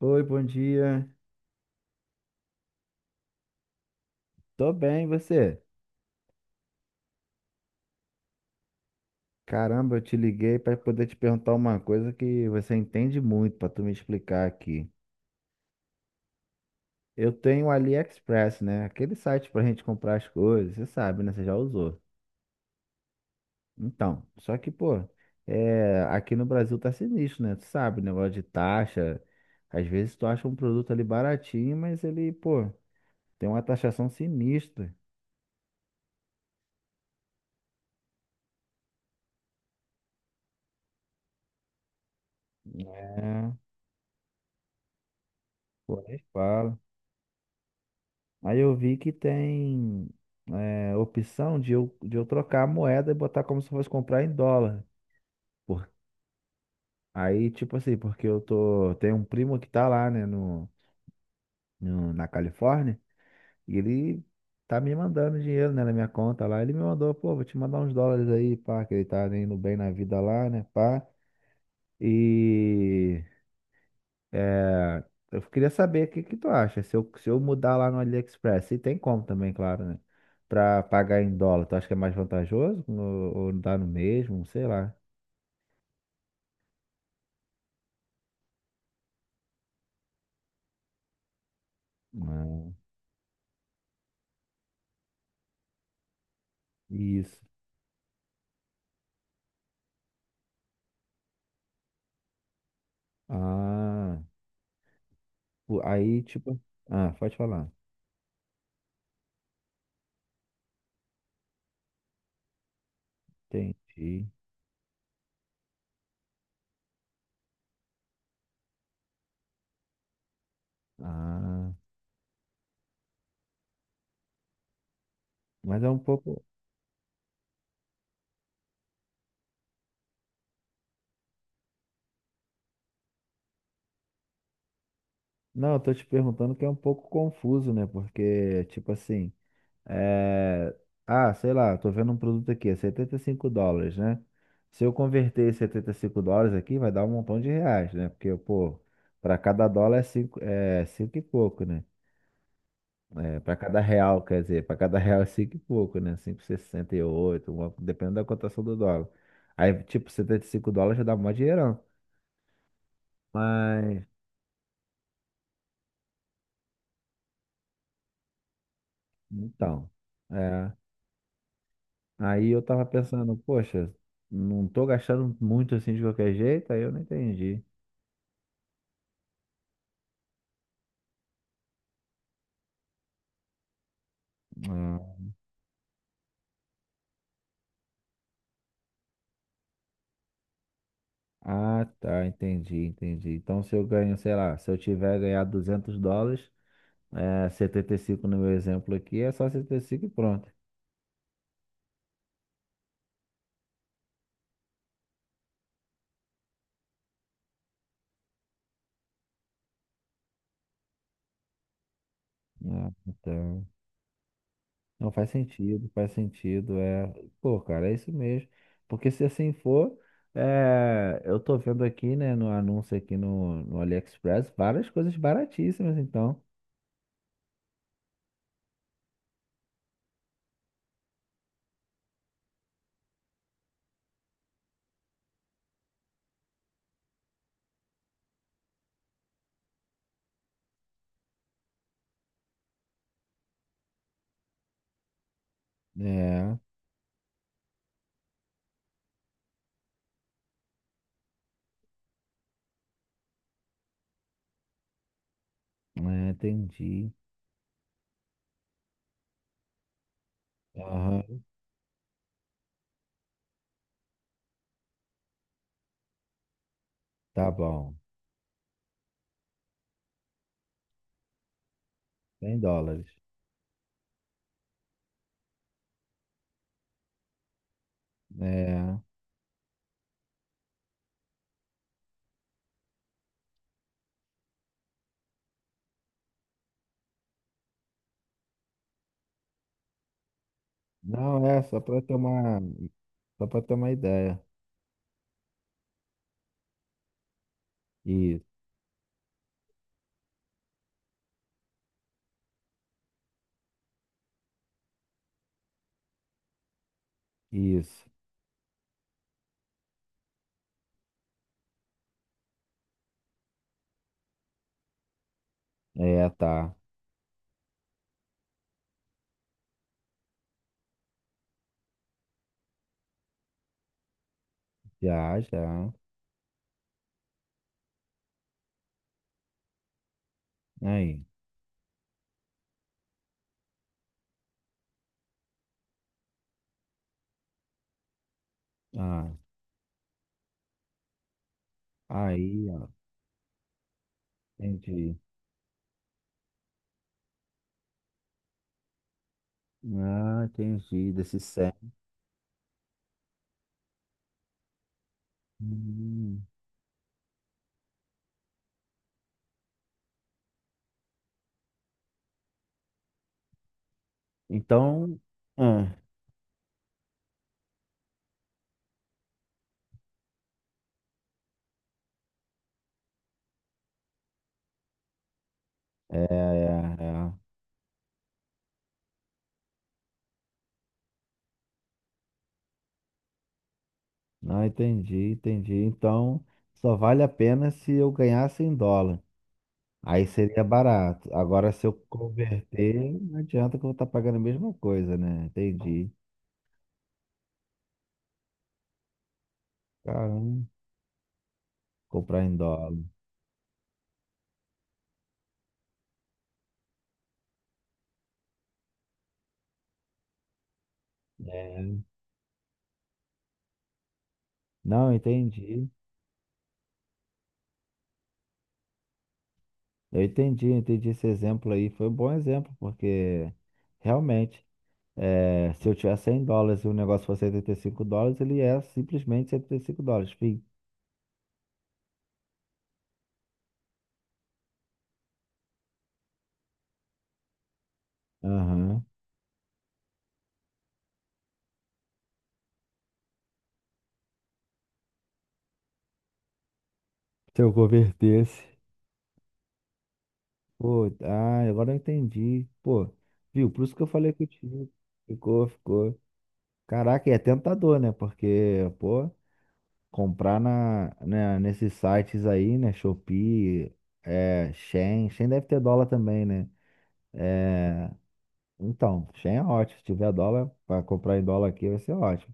Oi, bom dia. Tô bem, e você? Caramba, eu te liguei para poder te perguntar uma coisa que você entende muito para tu me explicar aqui. Eu tenho o AliExpress, né? Aquele site pra gente comprar as coisas, você sabe, né? Você já usou. Então, só que, pô, aqui no Brasil tá sinistro, né? Tu sabe, né? Negócio de taxa. Às vezes tu acha um produto ali baratinho, mas ele, pô, tem uma taxação sinistra. É, pô, nem fala. Aí eu vi que tem opção de eu trocar a moeda e botar como se fosse comprar em dólar. Por, aí, tipo assim, porque eu tô. Tem um primo que tá lá, né, na Califórnia, e ele tá me mandando dinheiro, né, na minha conta lá. Ele me mandou, pô, vou te mandar uns dólares aí, pá, que ele tá indo bem na vida lá, né, pá. E. É, eu queria saber o que que tu acha. Se eu mudar lá no AliExpress, se tem como também, claro, né? Pra pagar em dólar, tu acha que é mais vantajoso? No- Ou dá no mesmo? Sei lá. Ah, isso. Ah, o- aí tipo. Ah, pode falar. Entendi. Ah, mas é um pouco. Não, eu tô te perguntando que é um pouco confuso, né? Porque, tipo assim. É, ah, sei lá, tô vendo um produto aqui, é 75 dólares, né? Se eu converter esses 75 dólares aqui, vai dar um montão de reais, né? Porque, pô, para cada dólar é cinco e pouco, né? É, para cada real, quer dizer, para cada real é 5 e pouco, né? 5,68, uma- dependendo da cotação do dólar. Aí, tipo, 75 dólares já dá mó dinheirão. Mas, então, é, aí eu tava pensando, poxa, não tô gastando muito assim de qualquer jeito, aí eu não entendi. Ah, tá, entendi, entendi. Então, se eu ganho, sei lá, se eu tiver ganhado 200 dólares, 75 no meu exemplo aqui, é só 75 e pronto. Ah, então, não faz sentido, faz sentido, é, pô, cara, é isso mesmo. Porque se assim for, eu tô vendo aqui, né, no anúncio aqui no AliExpress, várias coisas baratíssimas, então. É, é, entendi. Aham, tá bom, 100 dólares. É. Não, é só para tomar, só para ter uma ideia. Isso, isso. É, tá. Já, já. Aí, ah, aí, ó. Entendi. Ah, entendi. Desse certo. Hum, Então, ah, é, é, é. Não, entendi, entendi. Então, só vale a pena se eu ganhasse em dólar. Aí seria barato. Agora, se eu converter, não adianta que eu vou estar pagando a mesma coisa, né? Entendi. Caramba. Comprar em dólar. É. Não, entendi. Eu entendi esse exemplo aí. Foi um bom exemplo, porque realmente, se eu tiver 100 dólares e o negócio for 75 dólares, ele é simplesmente 75 dólares, fim. Aham. Se eu convertesse. Pô, ah, agora eu entendi. Pô, viu? Por isso que eu falei que o tive. Ficou, ficou. Caraca, e é tentador, né? Porque, pô, comprar na, né, nesses sites aí, né? Shopee, Shein. Shein deve ter dólar também, né? Então, Shein é ótimo. Se tiver dólar, para comprar em dólar aqui vai ser ótimo.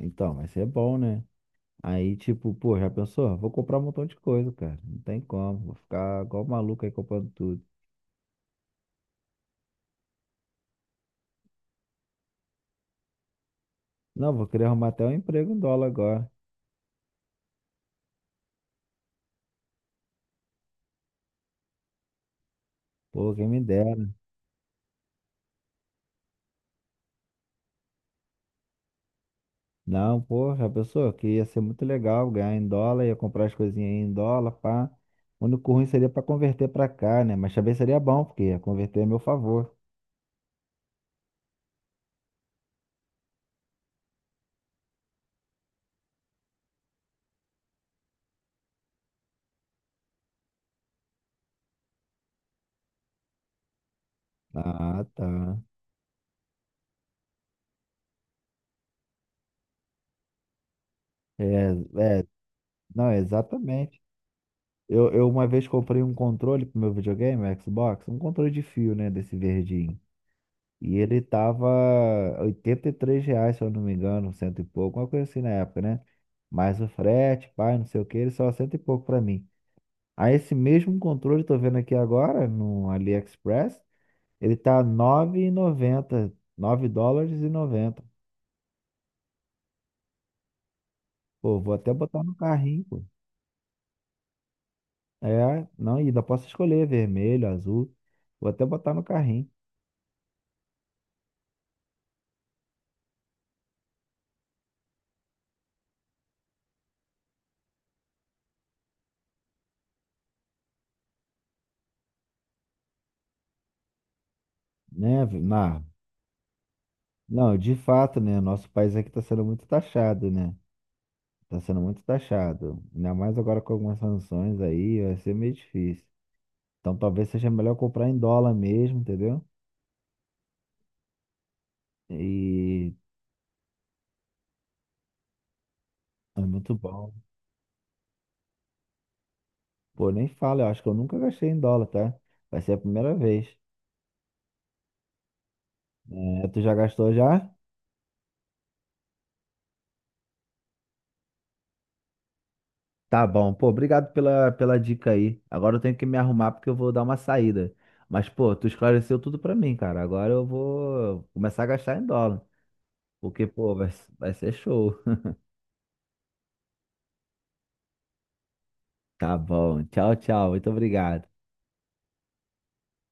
Então, vai ser bom, né? Aí, tipo, pô, já pensou? Vou comprar um montão de coisa, cara. Não tem como. Vou ficar igual maluco aí comprando tudo. Não, vou querer arrumar até um emprego em dólar agora. Pô, quem me dera. Não, porra, a pessoa que ia ser muito legal ganhar em dólar, ia comprar as coisinhas aí em dólar, pá. O único ruim seria pra converter pra cá, né? Mas também seria bom, porque ia converter a meu favor. Ah, tá. É, é, não, exatamente. Eu uma vez comprei um controle pro meu videogame, o Xbox, um controle de fio, né, desse verdinho. E ele tava 83 reais, se eu não me engano, cento e pouco, uma coisa assim na época, né? Mais o frete, pai, não sei o que, ele só cento e pouco pra mim. Aí esse mesmo controle, tô vendo aqui agora no AliExpress, ele tá nove e noventa nove dólares e noventa. Pô, vou até botar no carrinho, pô. É, não, e ainda posso escolher vermelho, azul. Vou até botar no carrinho, né? Vi- na, não, de fato, né? Nosso país aqui tá sendo muito taxado, né? Tá sendo muito taxado. Ainda mais agora com algumas sanções aí, vai ser meio difícil. Então talvez seja melhor comprar em dólar mesmo, entendeu? E é muito bom. Pô, nem fala, eu acho que eu nunca gastei em dólar, tá? Vai ser a primeira vez. É, tu já gastou já? Tá bom. Pô, obrigado pela, pela dica aí. Agora eu tenho que me arrumar porque eu vou dar uma saída. Mas, pô, tu esclareceu tudo pra mim, cara. Agora eu vou começar a gastar em dólar. Porque, pô, vai, vai ser show. Tá bom. Tchau, tchau. Muito obrigado.